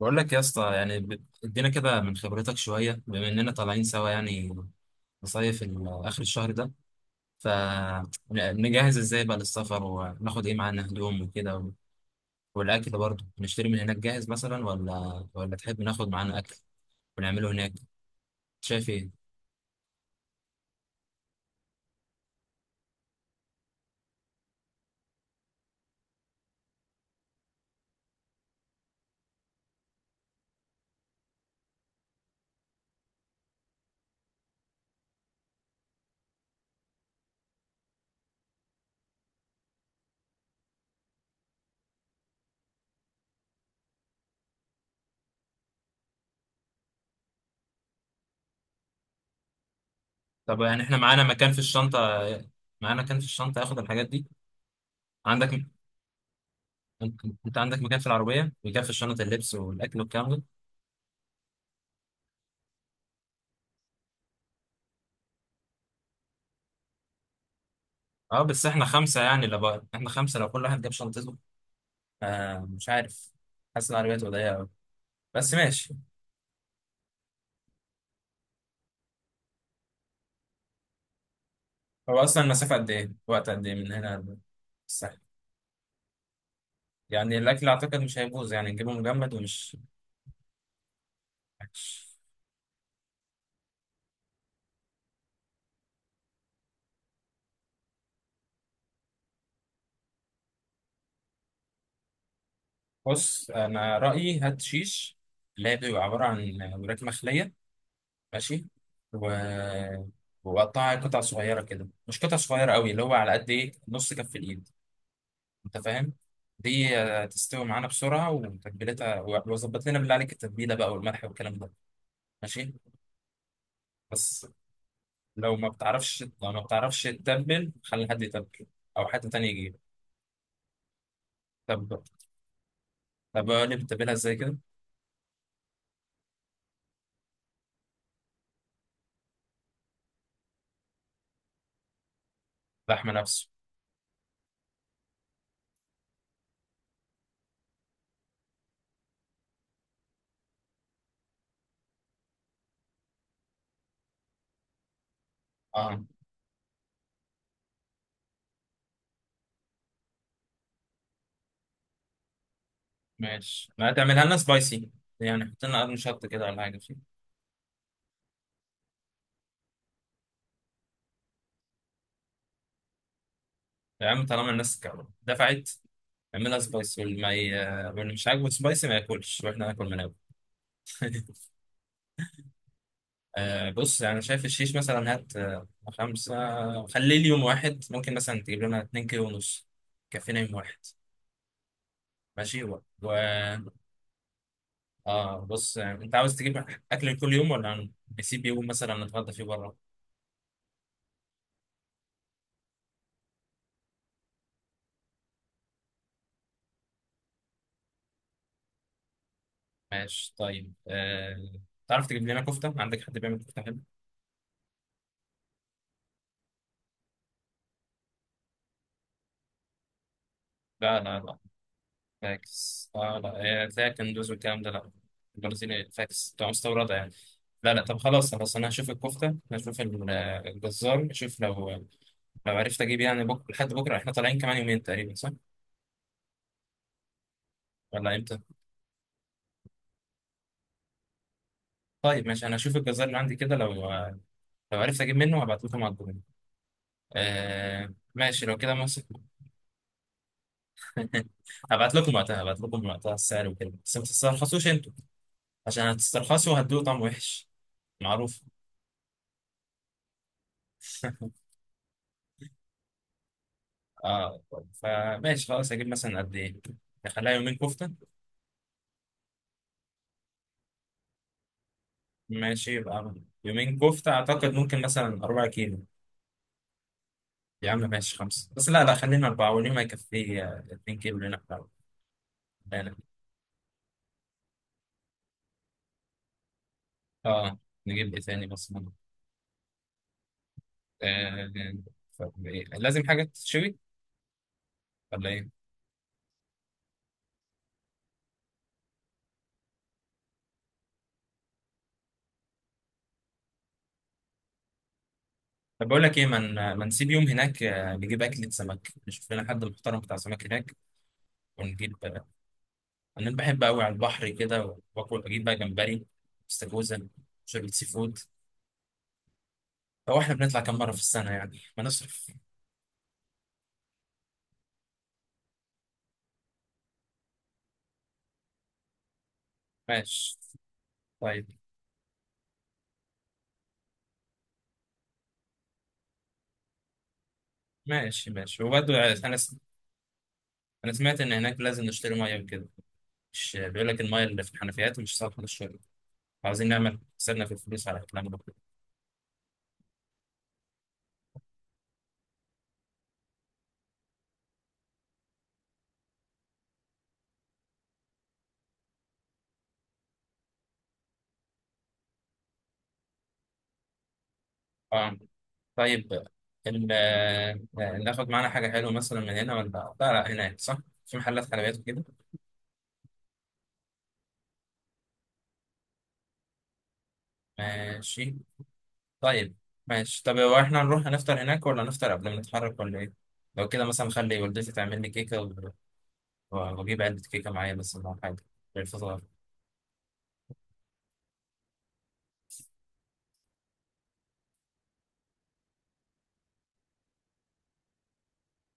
بقول لك يا اسطى، يعني ادينا كده من خبرتك شويه، بما اننا طالعين سوا يعني نصيف اخر الشهر ده. فنجهز ازاي بقى للسفر، وناخد ايه معانا، هدوم وكده والاكل برضه؟ نشتري من هناك جاهز مثلا، ولا تحب ناخد معانا اكل ونعمله هناك؟ شايف ايه؟ طب يعني احنا معانا مكان في الشنطه اخد الحاجات دي. عندك م- انت أنت عندك مكان في العربيه، مكان في الشنطه، اللبس والاكل والكلام ده. اه، بس احنا خمسه يعني لو بقى. احنا خمسه، لو كل واحد جاب شنطته. آه، مش عارف. حاسس ان العربية تبقى ضيقة أوي، بس ماشي. هو أصلا المسافة قد إيه؟ وقت قد إيه من هنا الساحل؟ يعني الأكل أعتقد مش هيبوظ، يعني نجيبه مجمد، ومش مش- بص أنا رأيي هات شيش، اللي هي بتبقى عبارة عن وراك مخلية. ماشي. و... وقطعها قطع صغيرة كده، مش قطع صغيرة أوي، اللي هو على قد إيه نص كف الإيد، أنت فاهم؟ دي تستوي معانا بسرعة وتتبيلتها، وظبط لنا بالله عليك التتبيلة بقى، والملح والكلام ده. ماشي؟ بس لو ما بتعرفش تتبل، خلي حد يتبل، او حد تاني يجيب. طب طب اقول لي بتتبلها ازاي كده. لحمه نفسه، اه. ماشي، ما تعملها لنا سبايسي يعني، حط لنا قرن شطه كده ولا حاجه فيه. يا عم طالما الناس دفعت، اعملها سبايسي، واللي مش عاجبه سبايسي ما ياكلش، واحنا ناكل من أول. آه بص، يعني شايف الشيش مثلا، هات خمسة، خليه اليوم واحد، ممكن مثلا تجيب لنا اتنين كيلو ونص، كفينا يوم واحد. ماشي. اه بص، يعني انت عاوز تجيب اكل كل يوم، ولا نسيب يوم مثلا نتغدى فيه بره؟ ماشي، طيب. تعرف تجيب لنا كفته؟ عندك حد بيعمل كفته حلو؟ لا لا لا، فاكس، لا، تلاقي كندوز والكلام ده، لا. البرازيلي فاكس تبقى مستورده يعني. لا لا، طب خلاص خلاص انا هشوف الكفته، هشوف الجزار، اشوف لو لو عرفت اجيب يعني بكره، لحد بكره احنا طالعين كمان يومين تقريبا صح، ولا امتى؟ طيب ماشي، انا هشوف الجزار اللي عندي كده، لو عرفت اجيب منه هبعت لكم على الجروب. آه ماشي، لو كده ماشي. هبعت لكم وقتها السعر وكده، بس ما تسترخصوش انتوا، عشان هتسترخصوا هتدوقوا طعم وحش معروف. اه طيب، فماشي خلاص، هجيب مثلا قد ايه؟ نخليها يومين كفتة. ماشي، يبقى يومين كفتة، اعتقد ممكن مثلا 4 كيلو. يا عم ماشي، خمسة بس لا لا، خلينا أربعة واليوم هيكفي 2 كيلو لنا إحنا. لا، اه. نجيب ايه تاني مثلا؟ آه، طب إيه؟ لازم حاجة تشوي ولا ايه؟ طب بقول لك ايه، ما نسيب يوم هناك، نجيب اكلة سمك، نشوف لنا حد محترم بتاع سمك هناك، ونجيب آه، انا بحب قوي على البحر كده، واكل، اجيب بقى جمبري، استاكوزا، شوربة سي فود. هو احنا بنطلع كام مرة في السنة يعني، ما نصرف. ماشي طيب، ماشي ماشي، وبرضه انا س... انا سمعت ان هناك لازم نشتري ميه وكده، مش بيقول لك الميه اللي في الحنفيات مش صالحة للشرب، عاوزين نعمل حسابنا في الفلوس على الكلام ده. اه طيب. ناخد معانا حاجة حلوة مثلا من هنا ولا، لا لا هناك، صح؟ في محلات حلويات وكده. ماشي طيب. ماشي، طب هو احنا نروح نفطر هناك، ولا نفطر قبل ما نتحرك، ولا ايه؟ لو كده مثلا، خلي والدتي تعمل لي كيكة واجيب علبة كيكة معايا بس، ولا حاجة للفطار.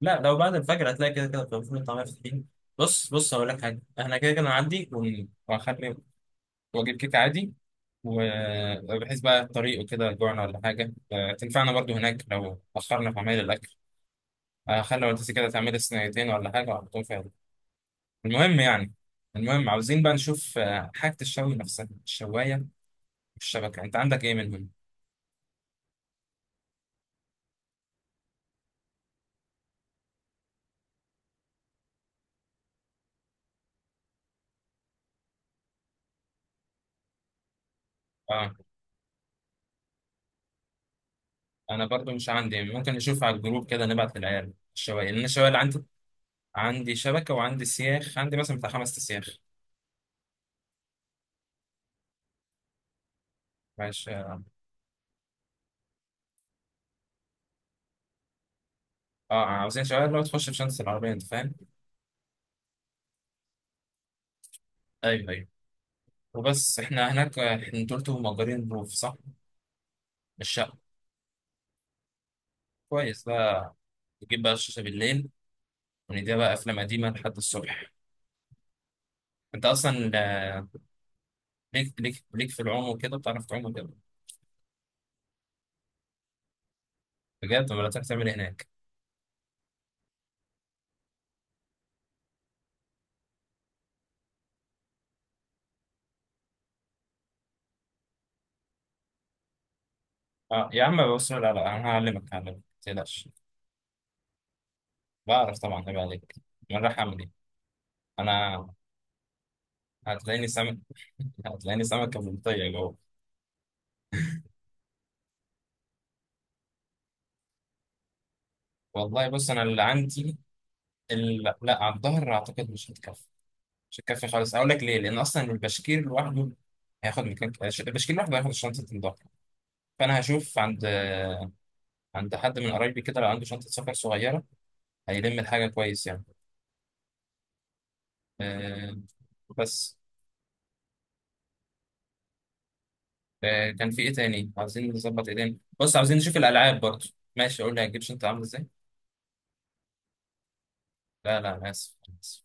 لا، لو بعد الفجر هتلاقي كده كده كان فول وطعمية فاتحين. بص بص، هقول لك حاجة، احنا كده كده نعدي وهخلي واجيب كيكة عادي، وبحيث بقى الطريق وكده جوعنا ولا حاجة، تنفعنا برضو هناك لو أخرنا في عمايل الأكل، خلي والدتي كده تعمل صينيتين ولا حاجة وأحطهم فيها. المهم يعني المهم عاوزين بقى نشوف حاجة الشوي نفسها، الشواية والشبكة، أنت عندك إيه منهم؟ آه، أنا برضو مش عندي، ممكن نشوف على الجروب كده، نبعت للعيال الشواية، لأن الشواية اللي عندي، عندي شبكة وعندي سياخ، عندي مثلا بتاع خمس سياخ. ماشي. عاوزين شواية اللي هو تخش في شنطة العربية، أنت فاهم؟ أيوه أيوه. وبس احنا هناك، آه، احنا انتوا قلتوا مأجرين روف، صح؟ الشقة. كويس بقى، نجيب بقى الشاشة بالليل، ونديها بقى أفلام قديمة لحد الصبح. أنت أصلا آه، ليك في العوم وكده، بتعرف تعوم وكده؟ بجد؟ ولا تعرف تعمل إيه هناك؟ أه يا عم بص، لا لا، أنا هعلمك هعلمك ما تقلقش. بعرف طبعا، عيب عليك. أنا رايح أعمل إيه؟ أنا هتلاقيني سمك. هتلاقيني سمكة بلطية جوه. والله بص، أنا اللي عندي اللي... لا، على الظهر أعتقد مش هتكفي، مش هتكفي خالص، أقول لك ليه، لأن أصلا البشكير لوحده هياخد مكان، البشكير لوحده هياخد شنطة الظهر، فأنا هشوف عند حد من قرايبي كده، لو عنده شنطة سفر صغيرة هيلم الحاجة كويس يعني. آه بس. آه، كان في إيه تاني؟ عايزين نظبط إيه تاني؟ بص عايزين نشوف الألعاب برضه. ماشي، قول لي هتجيب شنطة عاملة إزاي. لا لا، أنا آسف أنا آسف.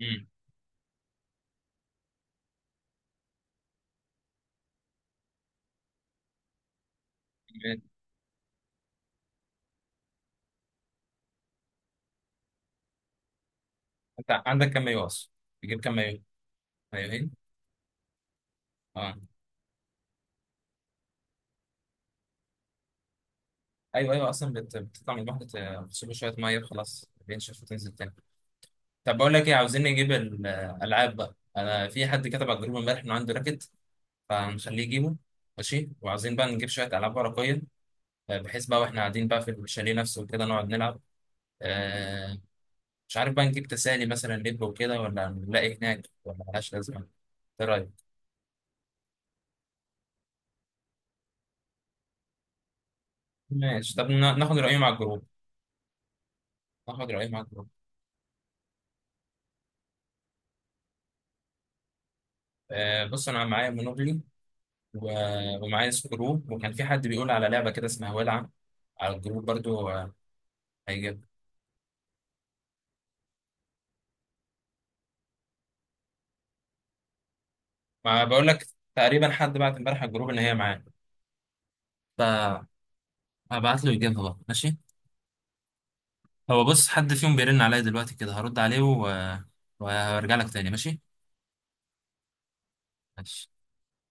مم. أنت عندك كام مايو أصلا؟ تجيب كام مايو؟ مايوهين. أه. أيوه أيوه، أصلا بتطلع من الواحدة تغسله شوية مية خلاص بينشف وتنزل تاني. طب بقول لك إيه، عاوزين نجيب الألعاب بقى، أنا في حد كتب على الجروب إمبارح إنه عنده راكت، فهنخليه يجيبه. ماشي، وعايزين بقى نجيب شوية ألعاب ورقية، بحيث بقى واحنا قاعدين بقى في الشاليه نفسه وكده نقعد نلعب. آه، مش عارف بقى، نجيب تسالي مثلا لب وكده، ولا نلاقي هناك، ولا ملهاش لازمه؟ ايه رايك؟ ماشي، طب ناخد رايهم على الجروب. ناخد رايهم على الجروب بص، انا معايا مونوبلي ومعايا سكرو، وكان في حد بيقول على لعبه كده اسمها ولعه على الجروب برضو، هيجيب. ما بقول لك تقريبا حد بعت امبارح على الجروب ان هي معاه، فهبعت له يجيبها بقى. ماشي. هو بص، حد فيهم بيرن عليا دلوقتي كده، هرد عليه وهرجع لك تاني. ماشي. ماشي.